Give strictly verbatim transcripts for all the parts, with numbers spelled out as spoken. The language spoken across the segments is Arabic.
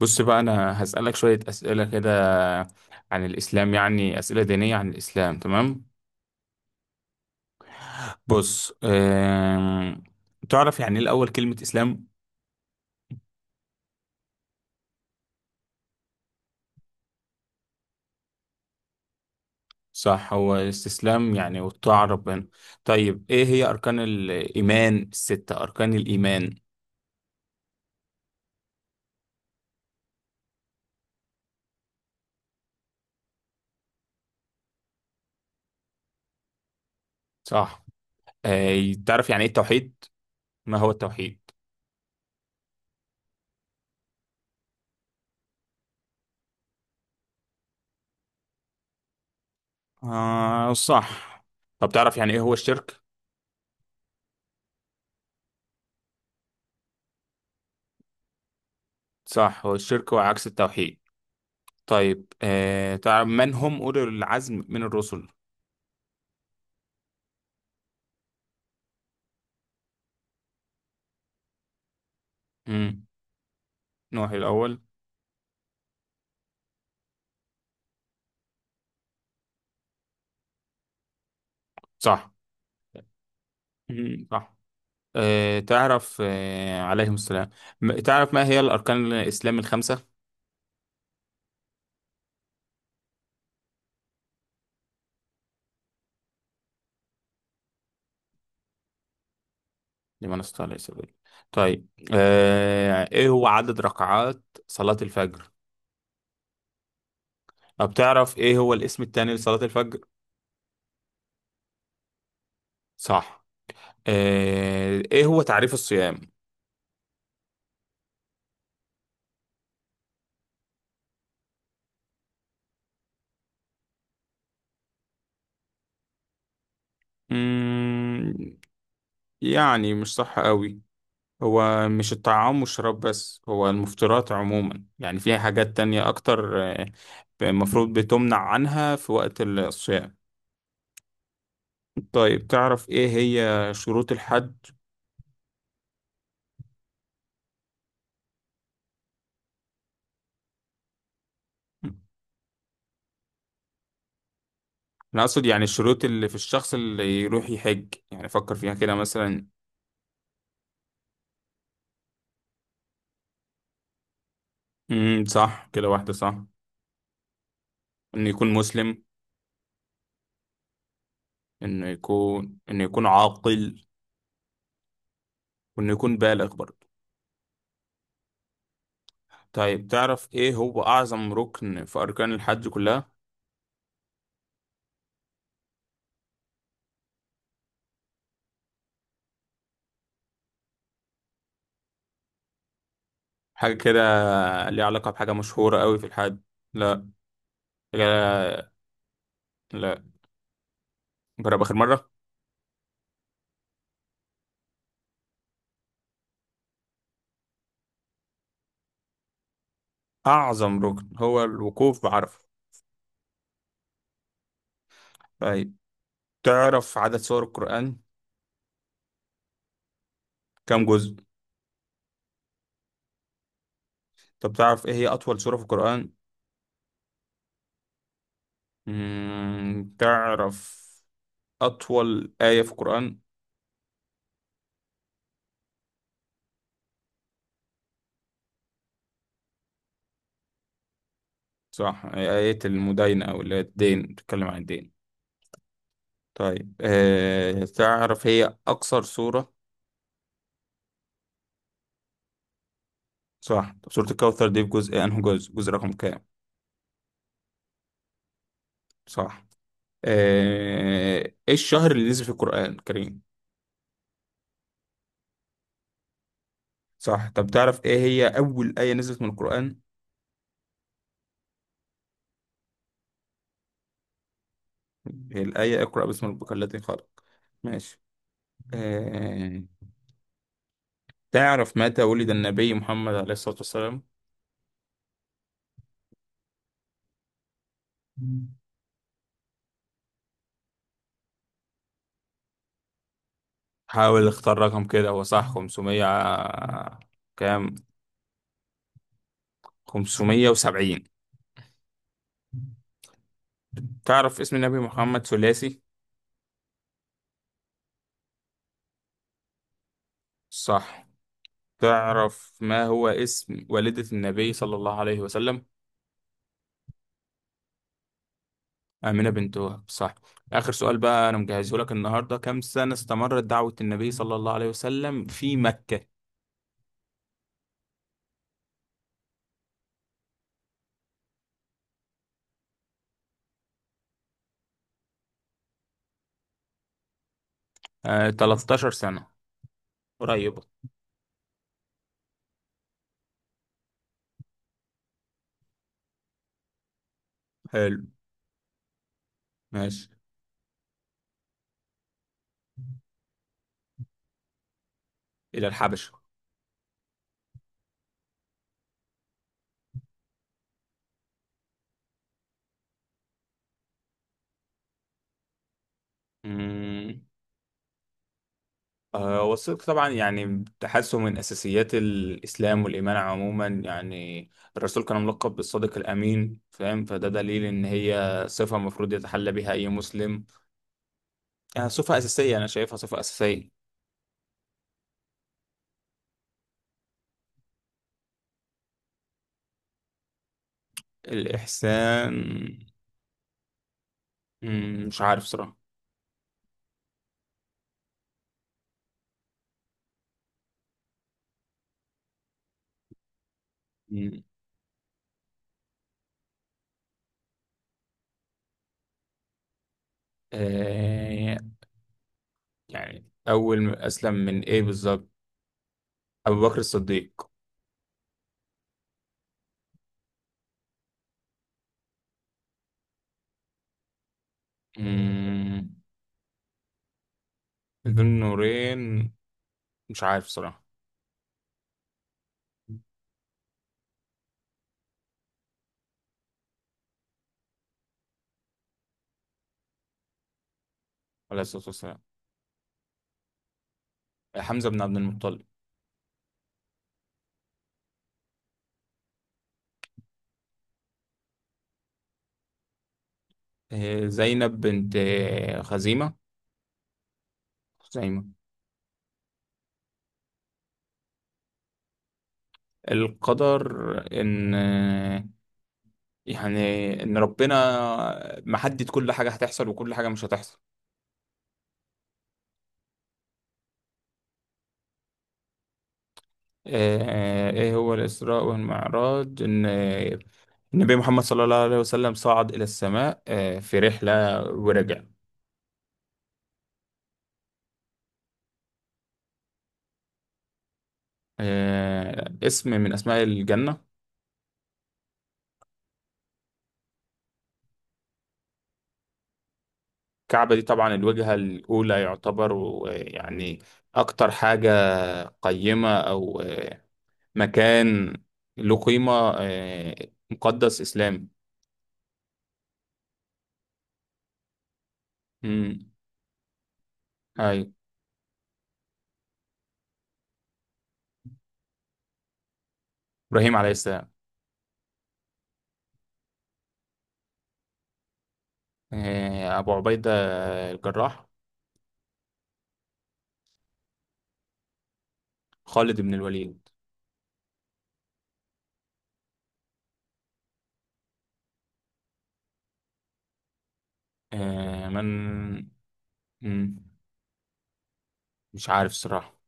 بص بقى أنا هسألك شوية أسئلة كده عن الإسلام، يعني أسئلة دينية عن الإسلام، تمام؟ بص، آم، تعرف يعني إيه الأول كلمة إسلام؟ صح، هو الاستسلام يعني والطاعة ربنا. طيب، إيه هي أركان الإيمان الستة، أركان الإيمان؟ صح. آه، تعرف يعني إيه التوحيد؟ ما هو التوحيد؟ آه صح. طب تعرف يعني إيه هو الشرك؟ صح، هو الشرك هو عكس التوحيد. طيب، آه تعرف من هم أولي العزم من الرسل؟ امم، نوح الأول. صح. امم صح. أه تعرف أه عليهم السلام. م- تعرف ما هي الأركان الإسلام الخمسة؟ لمن استطاع إليه سبيلا. طيب، أه إيه هو عدد ركعات صلاة الفجر؟ طب تعرف إيه هو الاسم التاني لصلاة الفجر؟ صح. أه إيه هو تعريف الصيام؟ مم، يعني مش صح قوي. هو مش الطعام والشراب بس، هو المفطرات عموما يعني، فيها حاجات تانية أكتر، آه، المفروض بتمنع عنها في وقت الصيام. طيب تعرف إيه هي شروط الحج؟ أنا أقصد يعني الشروط اللي في الشخص اللي يروح يحج، يعني فكر فيها كده مثلا. امم صح، كده واحدة صح. إنه يكون مسلم. إنه يكون إنه يكون عاقل. وإنه يكون بالغ برضه. طيب تعرف إيه هو أعظم ركن في أركان الحج كلها؟ حاجة كده، ليها علاقة بحاجة مشهورة قوي في الحج. لا. لا. لا. جرب آخر مرة. أعظم ركن هو الوقوف بعرفة. طيب، تعرف عدد سور القرآن؟ كم جزء؟ طب تعرف إيه هي أطول سورة في القرآن؟ مم... تعرف أطول آية في القرآن؟ صح، آية المداينة أو اللي هي الدين، بتتكلم عن الدين. طيب آه... تعرف هي أقصر سورة؟ صح. طب سورة الكوثر دي في جزء أنه جزء جزء رقم كام؟ صح. آه، ايه الشهر اللي نزل في القرآن الكريم؟ صح. طب تعرف ايه هي اول آية نزلت من القرآن؟ هي الآية اقرأ باسم ربك الذي خلق. ماشي. آه، تعرف متى ولد النبي محمد عليه الصلاة والسلام؟ حاول اختار رقم كده، هو صح خمسمية كام؟ خمسمائة وسبعين. تعرف اسم النبي محمد ثلاثي؟ صح. تعرف ما هو اسم والدة النبي صلى الله عليه وسلم؟ آمنة بنت وهب، صح. آخر سؤال بقى أنا مجهزه لك النهاردة، كم سنة استمرت دعوة النبي صلى الله عليه وسلم في مكة؟ آه تلتاشر سنة. قريبة. حلو. ماشي. إلى الحبشة. مم. آه والصدق طبعا يعني تحسه من أساسيات الإسلام والإيمان عموما يعني. الرسول كان ملقب بالصادق الأمين، فاهم؟ فده دليل إن هي صفة المفروض يتحلى بها أي مسلم. آه صفة أساسية، أنا شايفها صفة أساسية. الإحسان. مم، مش عارف صراحة. مم. آه يعني أول ما أسلم من إيه بالظبط؟ أبو بكر الصديق. مم. ذو النورين، مش عارف صراحة. عليه الصلاة والسلام. حمزة بن عبد المطلب. آه زينب بنت آه، خزيمة. خزيمة. القدر. إن آه، يعني إن ربنا محدد كل حاجة هتحصل وكل حاجة مش هتحصل. آه، إيه هو الإسراء والمعراج؟ إن النبي محمد صلى الله عليه وسلم صعد إلى السماء، آه، في رحلة ورجع. آه، اسم من أسماء الجنة. الكعبة دي طبعا الوجهة الأولى يعتبر، و- يعني أكتر حاجة قيمة، أو آه، مكان له قيمة، آه، مقدس إسلامي. مم. أيوة. إبراهيم عليه السلام. آه، أبو عبيدة الجراح. خالد بن الوليد. آه، من مم. مش عارف صراحة.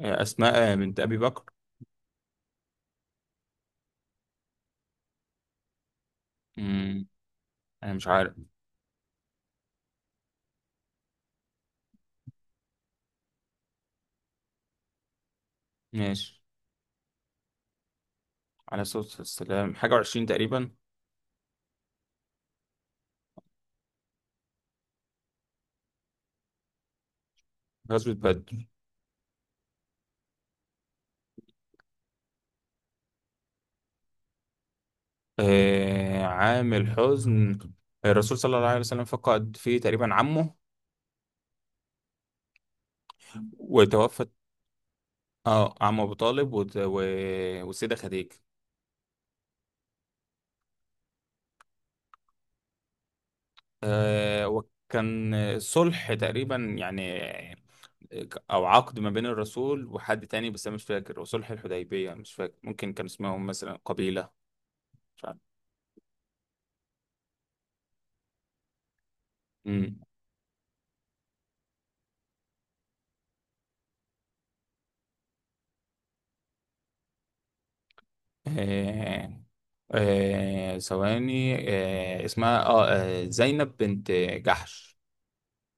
آه، أسماء بنت أبي بكر. انا مش عارف. ماشي. على صوت السلام حاجة وعشرين تقريبا. غزوة بدر. آه عام الحزن. الرسول صلى الله عليه وسلم فقد فيه تقريبا عمه، وتوفت اه عم ابو طالب وت... و... والسيدة خديجة. آه وكان صلح تقريبا يعني، آه، او عقد ما بين الرسول وحد تاني، بس انا مش فاكر. وصلح الحديبية مش فاكر، ممكن كان اسمهم مثلا قبيلة، مش عارف. آه آه ثواني. آه اسمها اه آه، زينب بنت جحش.